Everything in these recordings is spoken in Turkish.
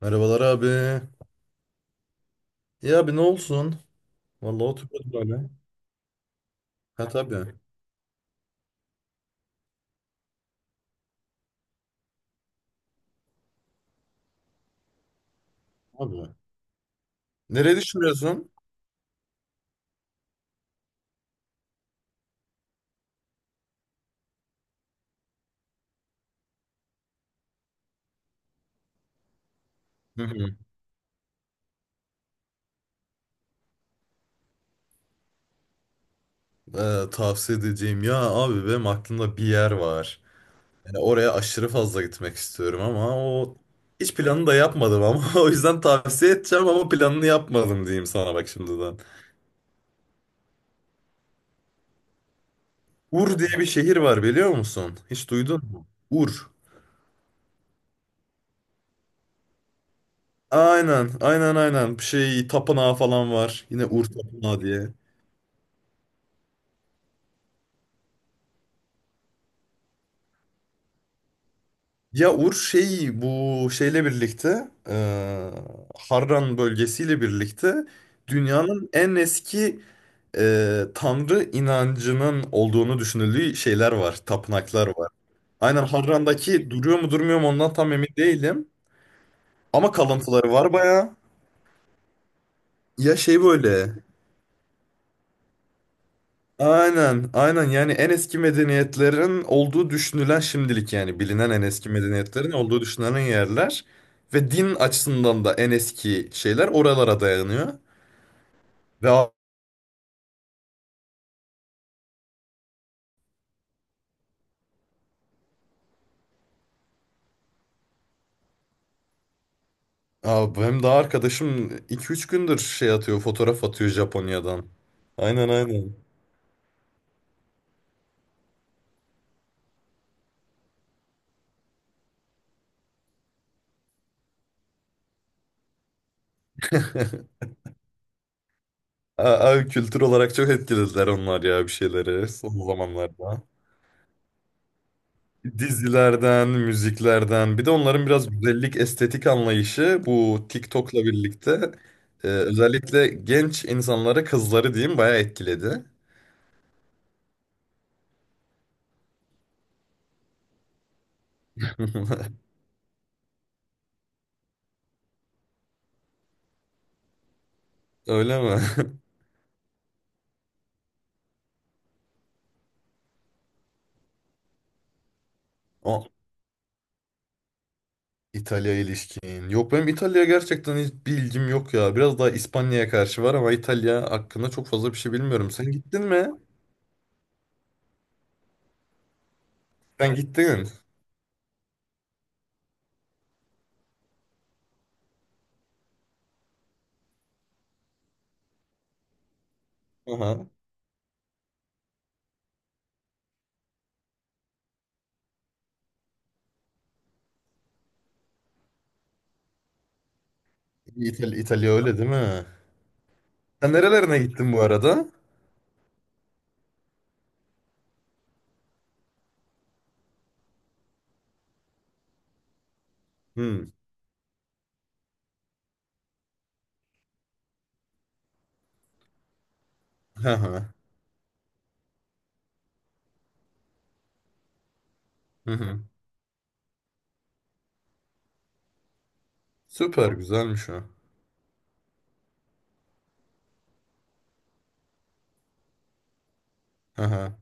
Merhabalar abi. Ya abi ne olsun? Vallahi oturuyordum öyle. Ha tabii. Abi. Nereye düşünüyorsun? Hı hı. Tavsiye edeceğim. Ya abi benim aklımda bir yer var. Yani oraya aşırı fazla gitmek istiyorum ama o hiç planını da yapmadım ama o yüzden tavsiye edeceğim ama planını yapmadım diyeyim sana bak şimdiden. Ur diye bir şehir var biliyor musun? Hiç duydun mu? Ur. Aynen, aynen, aynen. Bir şey tapınağı falan var. Yine Ur tapınağı diye. Ya Uğur şey bu şeyle birlikte Harran bölgesiyle birlikte dünyanın en eski tanrı inancının olduğunu düşünüldüğü şeyler var, tapınaklar var. Aynen Harran'daki duruyor mu durmuyor mu ondan tam emin değilim. Ama kalıntıları var bayağı. Ya şey böyle aynen, aynen yani en eski medeniyetlerin olduğu düşünülen şimdilik yani bilinen en eski medeniyetlerin olduğu düşünülen yerler ve din açısından da en eski şeyler oralara dayanıyor. Ve a- Hem daha arkadaşım iki üç gündür şey atıyor, fotoğraf atıyor Japonya'dan. Aynen aynen. A- Abi kültür olarak çok etkilediler onlar ya bir şeyleri son zamanlarda. Dizilerden, müziklerden, bir de onların biraz güzellik, estetik anlayışı bu TikTok'la birlikte özellikle genç insanları, kızları diyeyim bayağı etkiledi. Öyle mi? O İtalya ilişkin. Yok benim İtalya'ya gerçekten hiç bir yok ya. Biraz daha İspanya'ya karşı var ama İtalya hakkında çok fazla bir şey bilmiyorum. Sen gittin mi? Sen gittin. Aha. İtalya, İtalya öyle değil mi? Sen nerelerine gittin bu arada? Hmm. Hı hı. Hı hı. Süper güzelmiş o. Aha.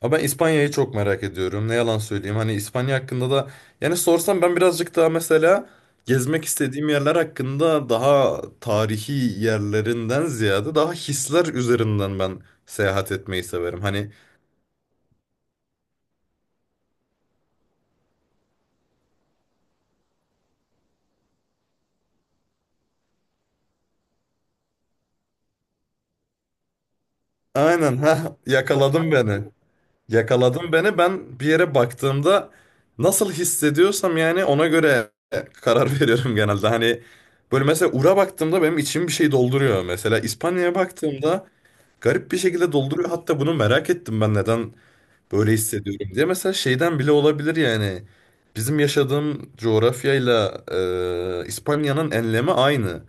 Ama ben İspanya'yı çok merak ediyorum. Ne yalan söyleyeyim. Hani İspanya hakkında da yani sorsam ben birazcık daha mesela gezmek istediğim yerler hakkında daha tarihi yerlerinden ziyade daha hisler üzerinden ben seyahat etmeyi severim. Hani aynen ha yakaladın beni. Yakaladın beni. Ben bir yere baktığımda nasıl hissediyorsam yani ona göre karar veriyorum genelde. Hani böyle mesela Ur'a baktığımda benim içim bir şey dolduruyor mesela. İspanya'ya baktığımda garip bir şekilde dolduruyor. Hatta bunu merak ettim ben neden böyle hissediyorum diye. Mesela şeyden bile olabilir yani. Bizim yaşadığım coğrafyayla İspanya'nın enlemi aynı.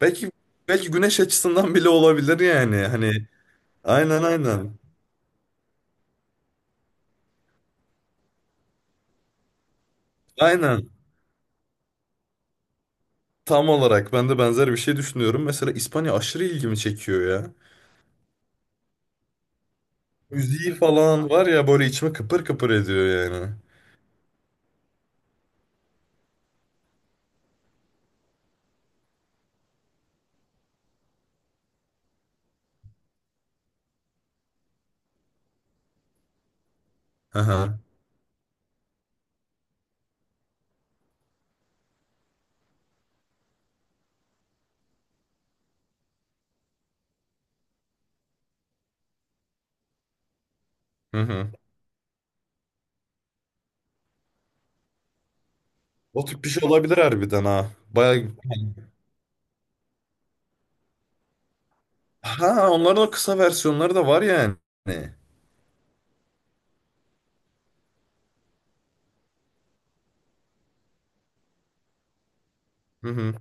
Belki belki güneş açısından bile olabilir yani. Hani aynen aynen. Aynen. Tam olarak ben de benzer bir şey düşünüyorum. Mesela İspanya aşırı ilgimi çekiyor ya. Müziği falan var ya böyle içimi kıpır kıpır ediyor yani. Hı hı. Hı hı. O tip bir şey olabilir harbiden ha. Baya ha onların o kısa versiyonları da var yani. Hı hı.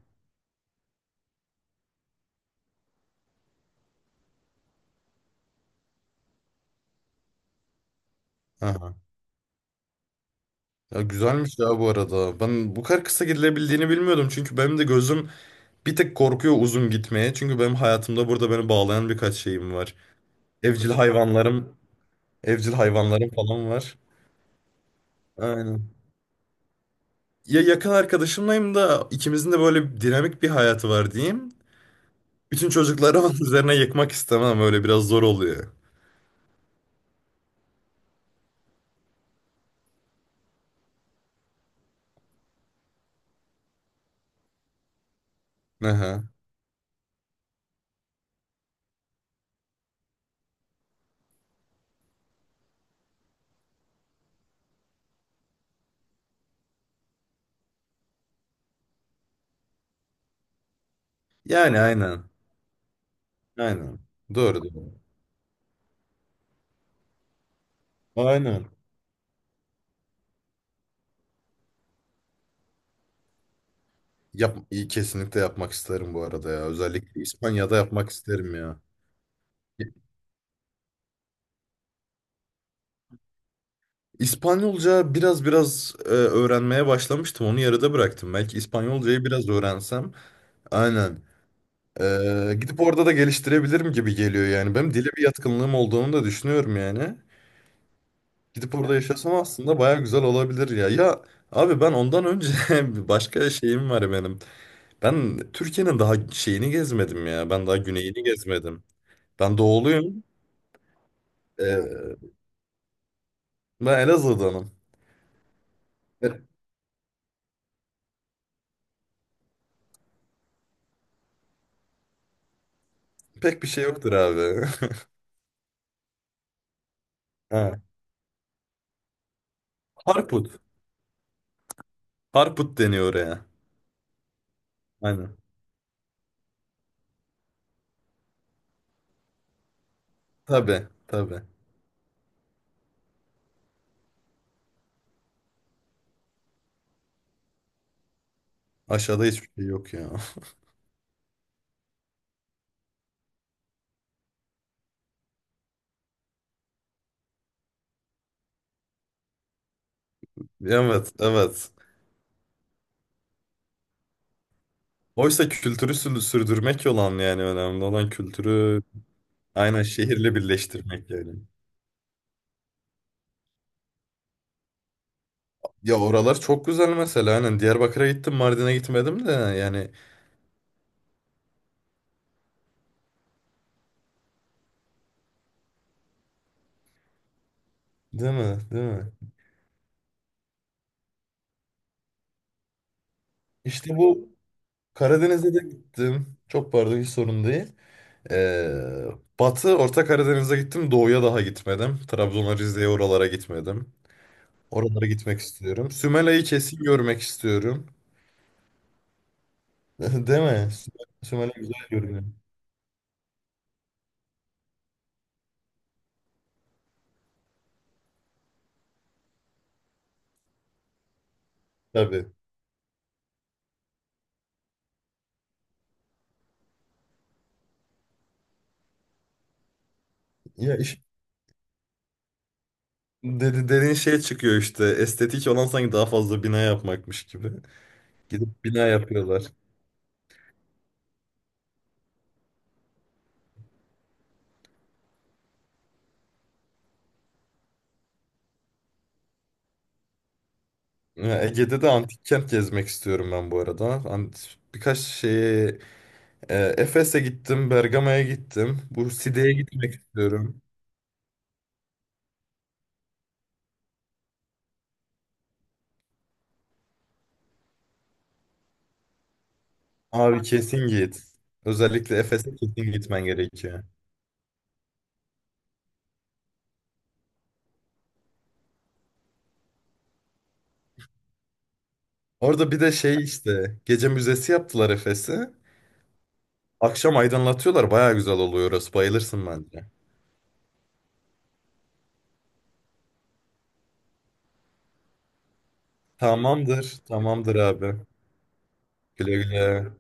Aha. Ya güzelmiş ya bu arada. Ben bu kadar kısa gidilebildiğini bilmiyordum. Çünkü benim de gözüm bir tek korkuyor uzun gitmeye. Çünkü benim hayatımda burada beni bağlayan birkaç şeyim var. Evcil hayvanlarım, evcil hayvanlarım falan var. Aynen. Ya yakın arkadaşımlayım da ikimizin de böyle bir dinamik bir hayatı var diyeyim. Bütün çocukları onun üzerine yıkmak istemem. Öyle biraz zor oluyor. Aha. Yani aynen. Aynen. Doğru doğru. Aynen. Yap, iyi kesinlikle yapmak isterim bu arada ya. Özellikle İspanya'da yapmak isterim ya. İspanyolca biraz öğrenmeye başlamıştım. Onu yarıda bıraktım. Belki İspanyolcayı biraz öğrensem. Aynen. Gidip orada da geliştirebilirim gibi geliyor yani. Benim dile bir yatkınlığım olduğunu da düşünüyorum yani. Gidip orada yaşasam aslında baya güzel olabilir ya. Ya abi ben ondan önce bir başka şeyim var benim. Ben Türkiye'nin daha şeyini gezmedim ya. Ben daha güneyini gezmedim. Ben doğuluyum. E, Ben Elazığ'danım. E, evet. Pek bir şey yoktur abi. Ha. Harput. Harput deniyor oraya. Aynen. Tabii, tabii. Aşağıda hiçbir şey yok ya. Evet, evet. Oysa sürdürmek olan yani önemli olan kültürü aynen şehirle birleştirmek yani. Ya oralar çok güzel mesela. Aynen Diyarbakır'a gittim, Mardin'e gitmedim de yani. Değil mi? Değil mi? İşte bu Karadeniz'e de gittim. Çok pardon hiç sorun değil. Ee, Batı Orta Karadeniz'e gittim. Doğuya daha gitmedim. Trabzon'a, Rize'ye oralara gitmedim. Oralara gitmek istiyorum. Sümela'yı kesin görmek istiyorum. Değil mi? Sümela güzel görünüyor. Tabii. Ya iş dedi, dediğin şey çıkıyor işte. Estetik olan sanki daha fazla bina yapmakmış gibi. Gidip bina yapıyorlar. Ya Ege'de de antik kent gezmek istiyorum ben bu arada. An- Birkaç şeye Efes'e gittim, Bergama'ya gittim. Bu Side'ye gitmek istiyorum. Abi kesin git. Özellikle Efes'e kesin gitmen gerekiyor. Orada bir de şey işte gece müzesi yaptılar Efes'i. Akşam aydınlatıyorlar. Baya güzel oluyor orası. Bayılırsın bence. Tamamdır. Tamamdır abi. Güle güle.